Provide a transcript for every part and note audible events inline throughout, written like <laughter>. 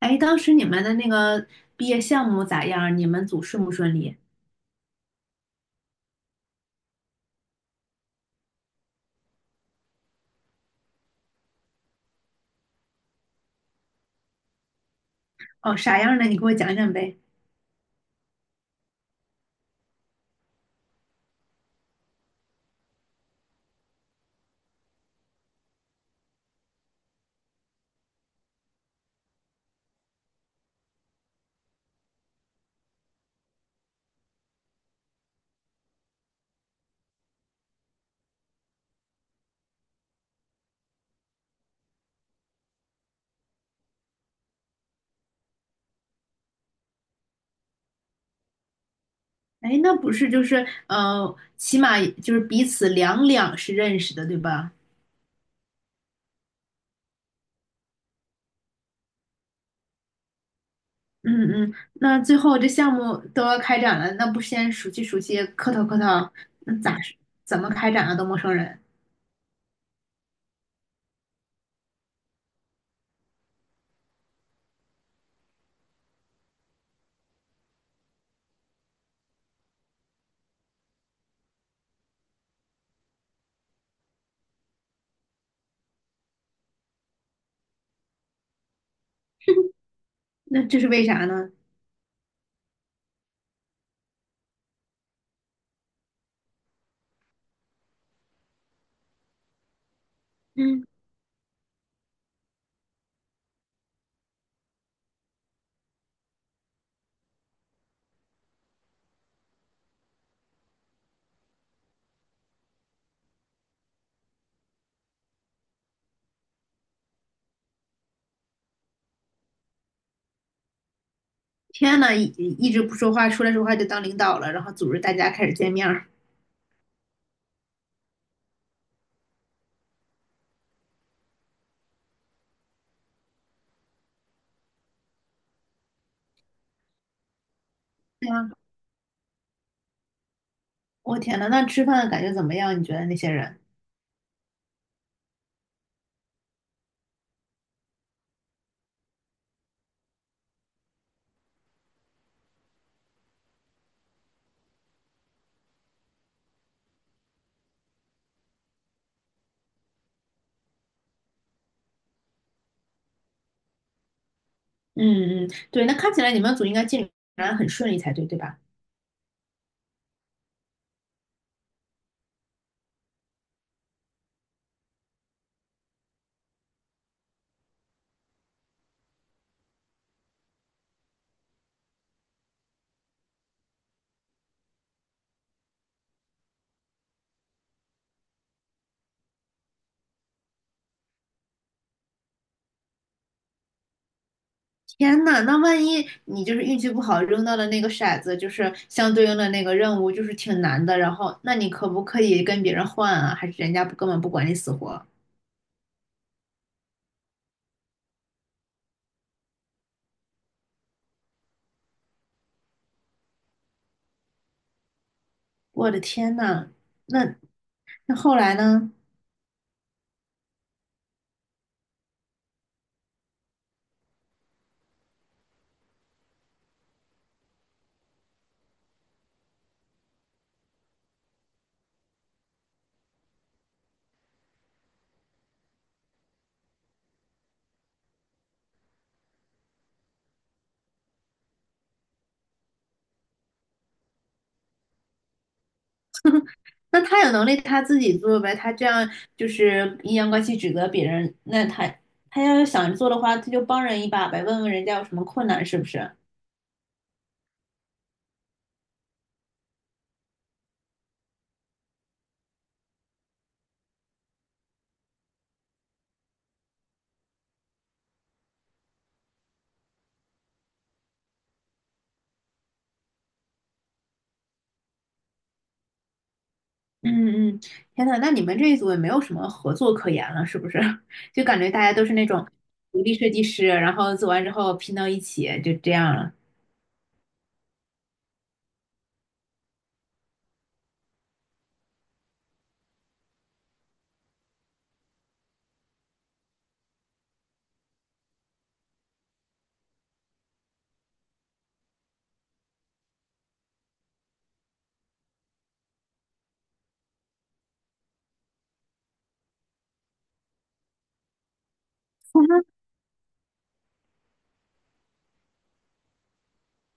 哎，当时你们的那个毕业项目咋样？你们组顺不顺利？哦，啥样的？你给我讲讲呗。哎，那不是就是起码就是彼此两两是认识的，对吧？嗯嗯，那最后这项目都要开展了，那不先熟悉熟悉，磕头磕头，那咋是怎么开展啊？都陌生人。<laughs> 那这是为啥呢？嗯，天呐，一直不说话，出来说话就当领导了，然后组织大家开始见面儿。对呀，我天呐，那吃饭感觉怎么样？你觉得那些人？嗯嗯，对，那看起来你们组应该进展很顺利才对，对吧？天呐，那万一你就是运气不好扔到了那个骰子，就是相对应的那个任务，就是挺难的，然后那你可不可以跟别人换啊？还是人家不根本不管你死活？我的天呐，那后来呢？那他有能力他自己做呗，他这样就是阴阳怪气指责别人，他要是想做的话，他就帮人一把呗，问问人家有什么困难是不是？嗯嗯，天呐，那你们这一组也没有什么合作可言了，是不是？<laughs> 就感觉大家都是那种独立设计师，然后做完之后拼到一起，就这样了。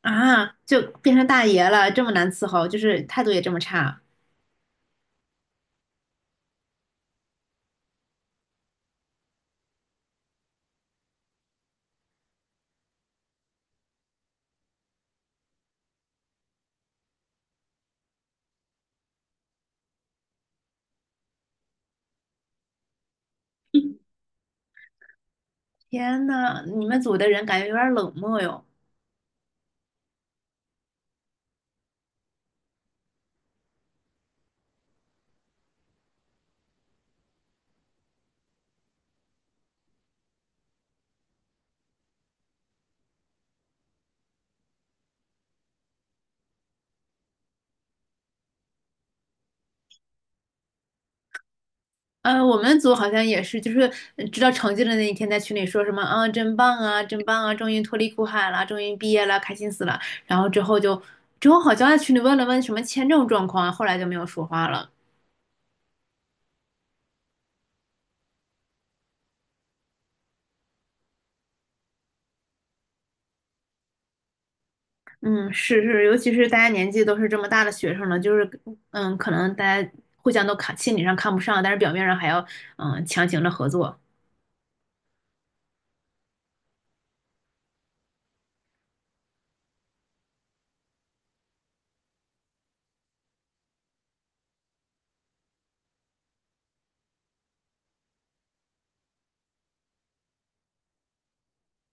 啊，就变成大爷了，这么难伺候，就是态度也这么差。天呐，你们组的人感觉有点冷漠哟。呃，我们组好像也是，就是知道成绩的那一天，在群里说什么啊，真棒啊，真棒啊，终于脱离苦海了，终于毕业了，开心死了。然后之后就，之后好像在群里问了问什么签证状况，后来就没有说话了。嗯，是是，尤其是大家年纪都是这么大的学生了，就是嗯，可能大家互相都看心理上看不上，但是表面上还要嗯强行的合作。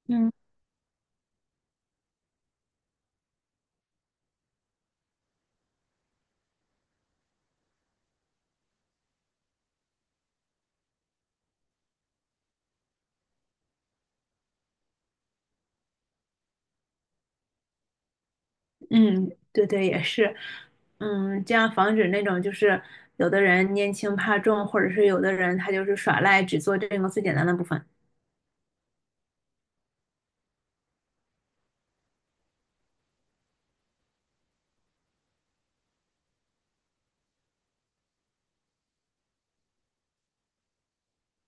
嗯嗯，对对，也是，嗯，这样防止那种就是有的人拈轻怕重，或者是有的人他就是耍赖，只做这个最简单的部分。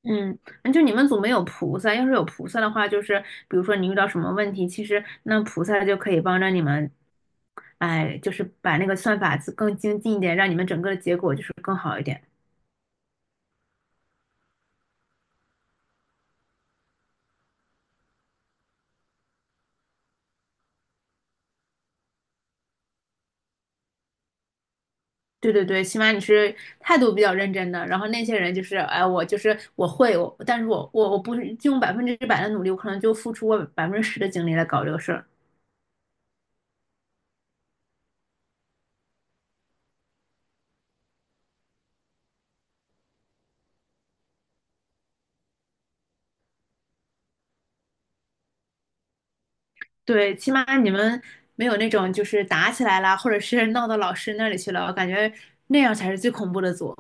嗯，就你们组没有菩萨，要是有菩萨的话，就是比如说你遇到什么问题，其实那菩萨就可以帮着你们，哎，就是把那个算法子更精进一点，让你们整个的结果就是更好一点。对对对，起码你是态度比较认真的，然后那些人就是，哎，我就是我会，我但是我不是用100%的努力，我可能就付出我10%的精力来搞这个事儿。对，起码你们没有那种就是打起来啦，或者是 <laughs> 闹到老师那里去了，我感觉那样才是最恐怖的组。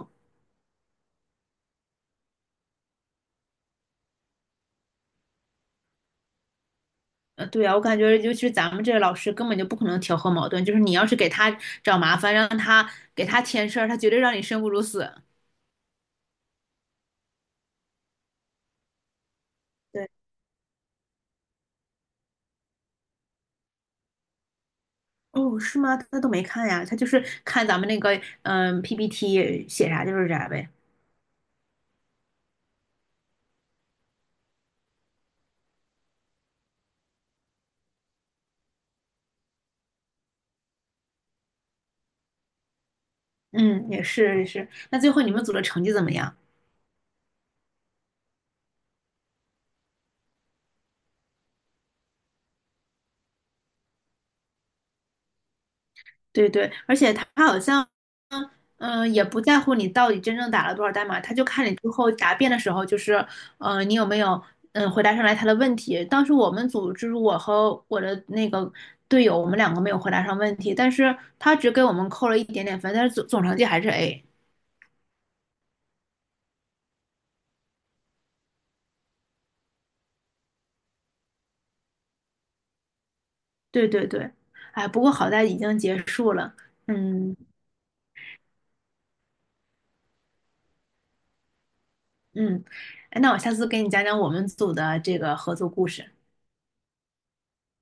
对啊，我感觉尤其是咱们这个老师根本就不可能调和矛盾，就是你要是给他找麻烦，让他给他添事儿，他绝对让你生不如死。对，哦，是吗？他都没看呀，他就是看咱们那个PPT 写啥就是啥呗。嗯，也是也是。那最后你们组的成绩怎么样？对对，而且他好像，嗯、也不在乎你到底真正打了多少代码，他就看你最后答辩的时候，就是，你有没有，嗯，回答上来他的问题。当时我们组就是我和我的那个队友，我们两个没有回答上问题，但是他只给我们扣了一点点分，但是总成绩还是 A。对对对，哎，不过好在已经结束了。嗯嗯，哎，那我下次给你讲讲我们组的这个合作故事。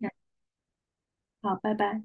嗯，好，拜拜。